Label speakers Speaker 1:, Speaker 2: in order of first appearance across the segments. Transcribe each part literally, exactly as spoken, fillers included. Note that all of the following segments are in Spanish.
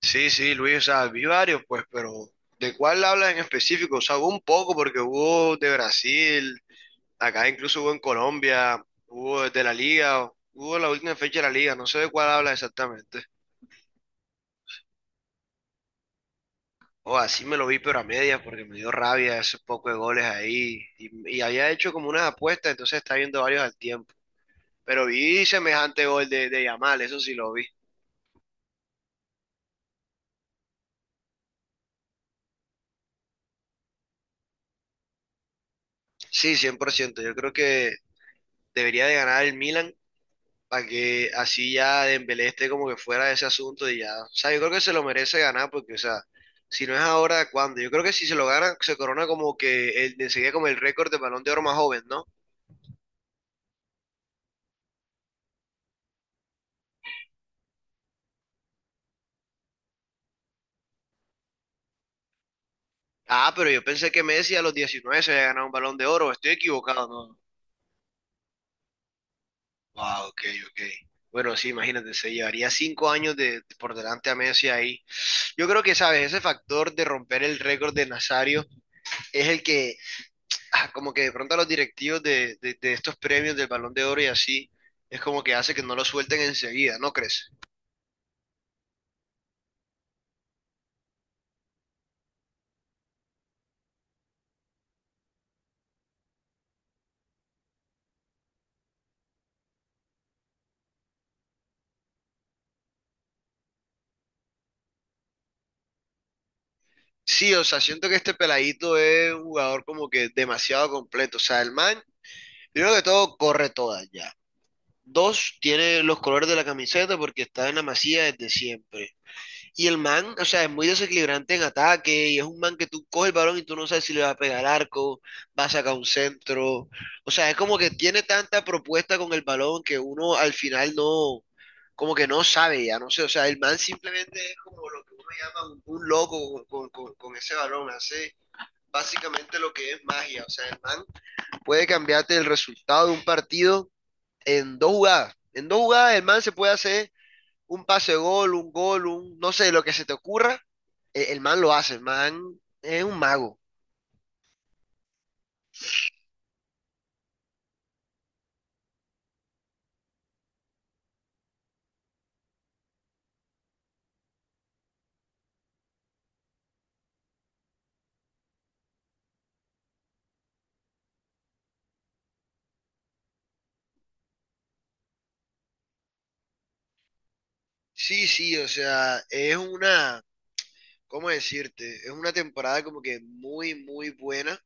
Speaker 1: Sí, sí, Luis, o sea, vi varios, pues, pero ¿de cuál hablas en específico? O sea, hubo un poco, porque hubo de Brasil, acá incluso hubo en Colombia, hubo de la Liga, hubo la última fecha de la Liga, no sé de cuál habla exactamente. O así me lo vi, pero a medias, porque me dio rabia esos pocos de goles ahí. Y, y había hecho como unas apuestas, entonces estaba viendo varios al tiempo. Pero vi semejante gol de, de Yamal, eso sí lo vi. Sí, cien por ciento. Yo creo que debería de ganar el Milan para que así ya Dembélé esté como que fuera de ese asunto y ya, o sea, yo creo que se lo merece ganar porque, o sea, si no es ahora, ¿cuándo? Yo creo que si se lo gana, se corona como que el, enseguida como el récord de Balón de Oro más joven, ¿no? Ah, pero yo pensé que Messi a los diecinueve se había ganado un Balón de Oro, estoy equivocado, ¿no? Wow, ok, ok. Bueno, sí, imagínate, se llevaría cinco años de, por delante a Messi ahí. Yo creo que, ¿sabes? Ese factor de romper el récord de Nazario es el que ah, como que de pronto a los directivos de, de- de estos premios del Balón de Oro y así, es como que hace que no lo suelten enseguida, ¿no crees? Sí, o sea, siento que este peladito es un jugador como que demasiado completo. O sea, el man, primero que todo, corre todas ya. Dos, tiene los colores de la camiseta porque está en la Masía desde siempre. Y el man, o sea, es muy desequilibrante en ataque y es un man que tú coges el balón y tú no sabes si le va a pegar al arco, va a sacar un centro. O sea, es como que tiene tanta propuesta con el balón que uno al final no, como que no sabe ya, no sé. O sea, el man simplemente es como lo que uno llama un, un loco con, con- con ese balón. Hace básicamente lo que es magia. O sea, el man puede cambiarte el resultado de un partido en dos jugadas. En dos jugadas el man se puede hacer un pase de gol, un gol, un, no sé, lo que se te ocurra, e- el, man lo hace, el man es un mago. Sí, sí, o sea, es una, ¿cómo decirte? Es una temporada como que muy, muy buena,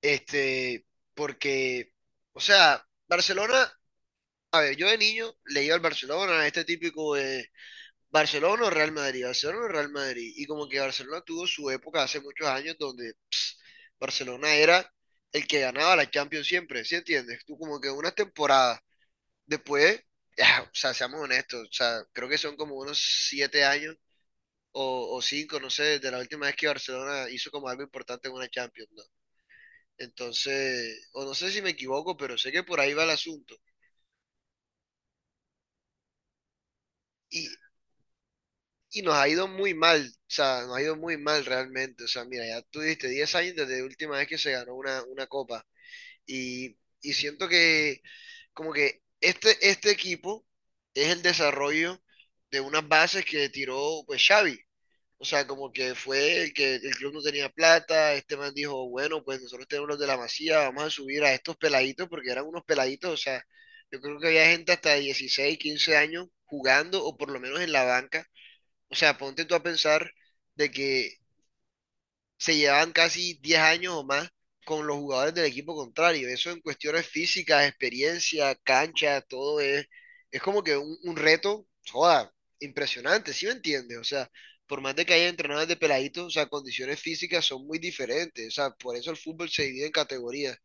Speaker 1: este, porque, o sea, Barcelona, a ver, yo de niño le iba al Barcelona, este típico de Barcelona o Real Madrid, Barcelona o Real Madrid, y como que Barcelona tuvo su época hace muchos años donde Barcelona era el que ganaba la Champions siempre, ¿sí entiendes? Tú como que unas temporadas después, ya, o sea, seamos honestos, o sea, creo que son como unos siete años o, o cinco, no sé, desde la última vez que Barcelona hizo como algo importante en una Champions, ¿no? Entonces, o no sé si me equivoco, pero sé que por ahí va el asunto. Y, y nos ha ido muy mal, o sea, nos ha ido muy mal realmente. O sea, mira, ya tú dijiste diez años desde la última vez que se ganó una, una copa. Y, y siento que como que este, este equipo es el desarrollo de unas bases que tiró pues Xavi. O sea, como que fue el que el club no tenía plata, este man dijo, bueno, pues nosotros tenemos los de la Masía, vamos a subir a estos peladitos, porque eran unos peladitos, o sea, yo creo que había gente hasta de dieciséis quince años jugando, o por lo menos en la banca. O sea, ponte tú a pensar de que se llevaban casi diez años o más con los jugadores del equipo contrario. Eso en cuestiones físicas, experiencia, cancha, todo es, es como que un, un reto, joda, impresionante, ¿sí me entiendes? O sea, por más de que haya entrenadores de peladitos, o sea, condiciones físicas son muy diferentes. O sea, por eso el fútbol se divide en categorías.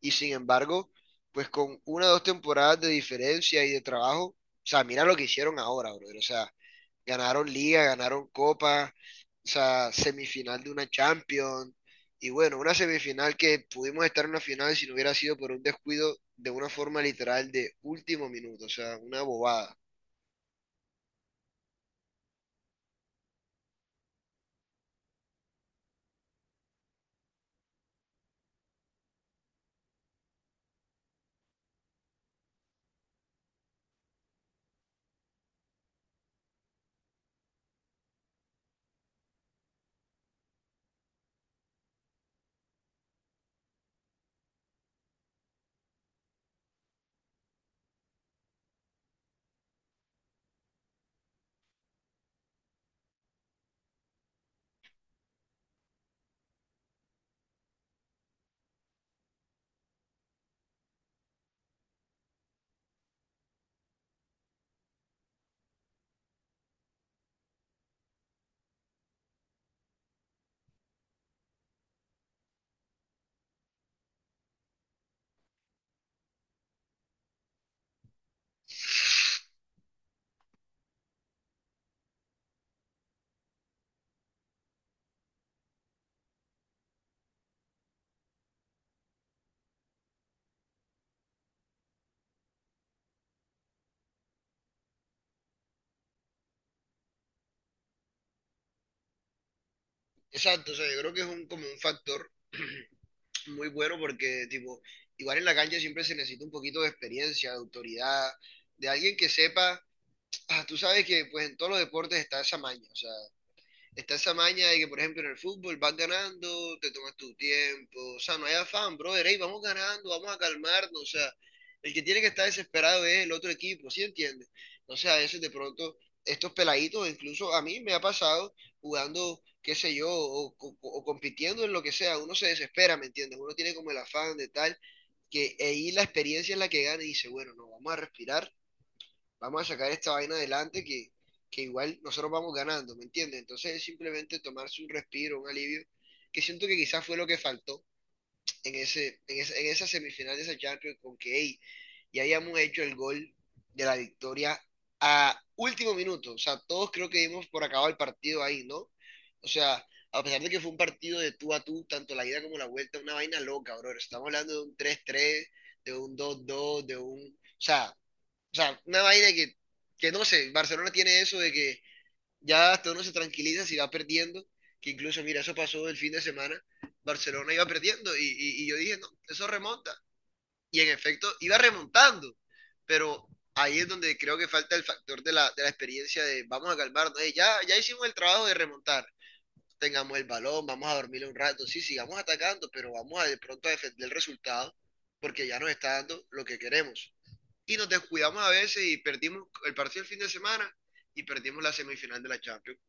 Speaker 1: Y sin embargo, pues con una o dos temporadas de diferencia y de trabajo, o sea, mira lo que hicieron ahora, brother. O sea, ganaron liga, ganaron copa, o sea, semifinal de una Champions. Y bueno, una semifinal que pudimos estar en una final si no hubiera sido por un descuido de una forma literal de último minuto, o sea, una bobada. Exacto, o sea, yo creo que es un, como un factor muy bueno porque, tipo, igual en la cancha siempre se necesita un poquito de experiencia, de autoridad, de alguien que sepa, ah, tú sabes que pues en todos los deportes está esa maña, o sea, está esa maña de que, por ejemplo, en el fútbol vas ganando, te tomas tu tiempo. O sea, no hay afán, brother. Ey, vamos ganando, vamos a calmarnos. O sea, el que tiene que estar desesperado es el otro equipo, ¿sí entiendes? Entonces, a veces de pronto, estos peladitos, incluso a mí me ha pasado jugando, qué sé yo, o, o- o compitiendo en lo que sea, uno se desespera, ¿me entiendes? Uno tiene como el afán de tal, que ahí la experiencia es la que gana y dice, bueno, no, vamos a respirar, vamos a sacar esta vaina adelante que, que igual nosotros vamos ganando, ¿me entiendes? Entonces es simplemente tomarse un respiro, un alivio, que siento que quizás fue lo que faltó en ese, en esa, en esa semifinal de esa Champions con que hey, ya habíamos hecho el gol de la victoria último minuto, o sea, todos creo que dimos por acabado el partido ahí, ¿no? O sea, a pesar de que fue un partido de tú a tú, tanto la ida como la vuelta, una vaina loca, bro. Estamos hablando de un tres tres de un dos dos de un... O sea, o sea, una vaina que, que no sé, Barcelona tiene eso de que ya hasta uno se tranquiliza si va perdiendo, que incluso, mira, eso pasó el fin de semana, Barcelona iba perdiendo y, y- y yo dije, no, eso remonta. Y en efecto, iba remontando, pero ahí es donde creo que falta el factor de la, de la experiencia de vamos a calmarnos, "Ey, ya, ya hicimos el trabajo de remontar, tengamos el balón, vamos a dormir un rato, sí, sigamos atacando, pero vamos a de pronto a defender el resultado porque ya nos está dando lo que queremos y nos descuidamos a veces y perdimos el partido el fin de semana y perdimos la semifinal de la Champions.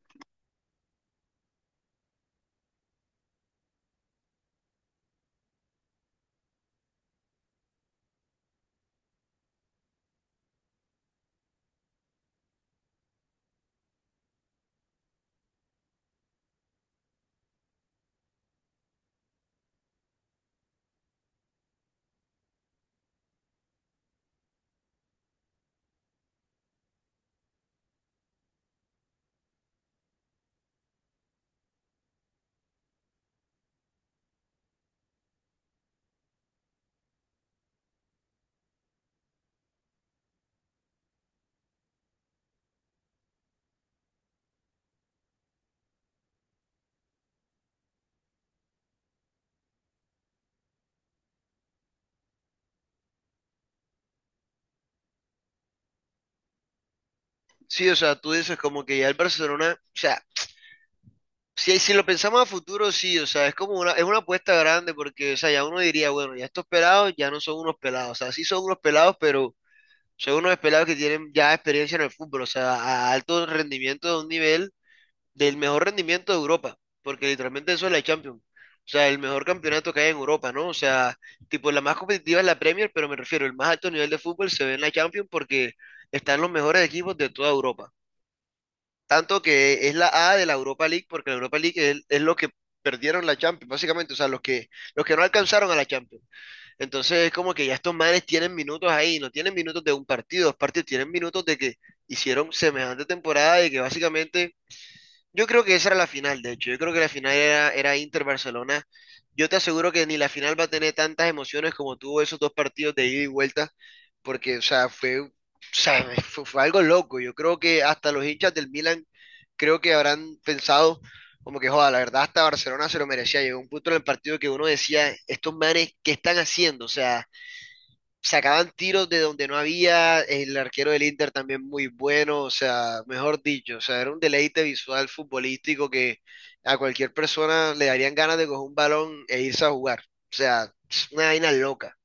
Speaker 1: Sí, o sea, tú dices como que ya el Barcelona, o sea, si, si lo pensamos a futuro, sí, o sea, es como una, es una apuesta grande porque, o sea, ya uno diría, bueno, ya estos pelados ya no son unos pelados, o sea, sí son unos pelados, pero son unos pelados que tienen ya experiencia en el fútbol, o sea, a alto rendimiento de un nivel del mejor rendimiento de Europa, porque literalmente eso es la Champions. O sea, el mejor campeonato que hay en Europa, ¿no? O sea, tipo, la más competitiva es la Premier, pero me refiero, el más alto nivel de fútbol se ve en la Champions porque están los mejores equipos de toda Europa. Tanto que es la A de la Europa League, porque la Europa League es, es lo que perdieron la Champions, básicamente, o sea, los que, los que no alcanzaron a la Champions. Entonces es como que ya estos manes tienen minutos ahí, no tienen minutos de un partido, dos partidos, tienen minutos de que hicieron semejante temporada y que básicamente yo creo que esa era la final, de hecho. Yo creo que la final era, era Inter-Barcelona. Yo te aseguro que ni la final va a tener tantas emociones como tuvo esos dos partidos de ida y vuelta, porque, o sea, fue, o sea, fue, fue algo loco. Yo creo que hasta los hinchas del Milan creo que habrán pensado como que, joda, la verdad, hasta Barcelona se lo merecía. Llegó un punto en el partido que uno decía, estos manes, ¿qué están haciendo? O sea, sacaban tiros de donde no había, el arquero del Inter también muy bueno, o sea, mejor dicho, o sea, era un deleite visual futbolístico que a cualquier persona le darían ganas de coger un balón e irse a jugar, o sea, es una vaina loca.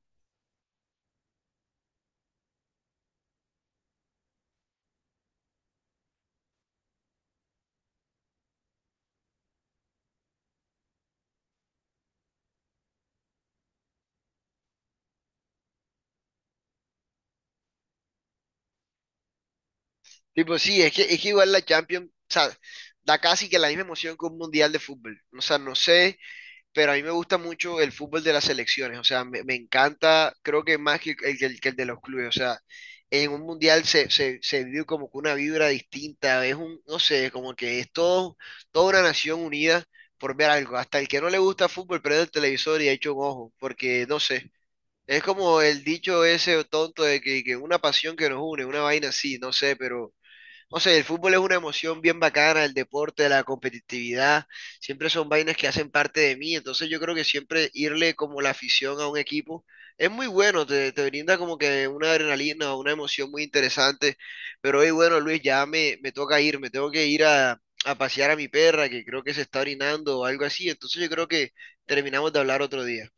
Speaker 1: Tipo, sí, es que, es que igual la Champions, o sea, da casi que la misma emoción que un mundial de fútbol, o sea, no sé, pero a mí me gusta mucho el fútbol de las selecciones, o sea, me, me encanta, creo que más que el, que el- que el de los clubes, o sea, en un mundial se, se, se vive como que una vibra distinta, es un, no sé, como que es todo, toda una nación unida por ver algo, hasta el que no le gusta fútbol prende el televisor y echa un ojo, porque no sé, es como el dicho ese tonto de que, que una pasión que nos une, una vaina así, no sé, pero no sé, el fútbol es una emoción bien bacana, el deporte, la competitividad, siempre son vainas que hacen parte de mí, entonces yo creo que siempre irle como la afición a un equipo es muy bueno, te, te brinda como que una adrenalina, una emoción muy interesante, pero hoy bueno, Luis, ya me, me toca ir, me tengo que ir a, a pasear a mi perra que creo que se está orinando o algo así, entonces yo creo que terminamos de hablar otro día.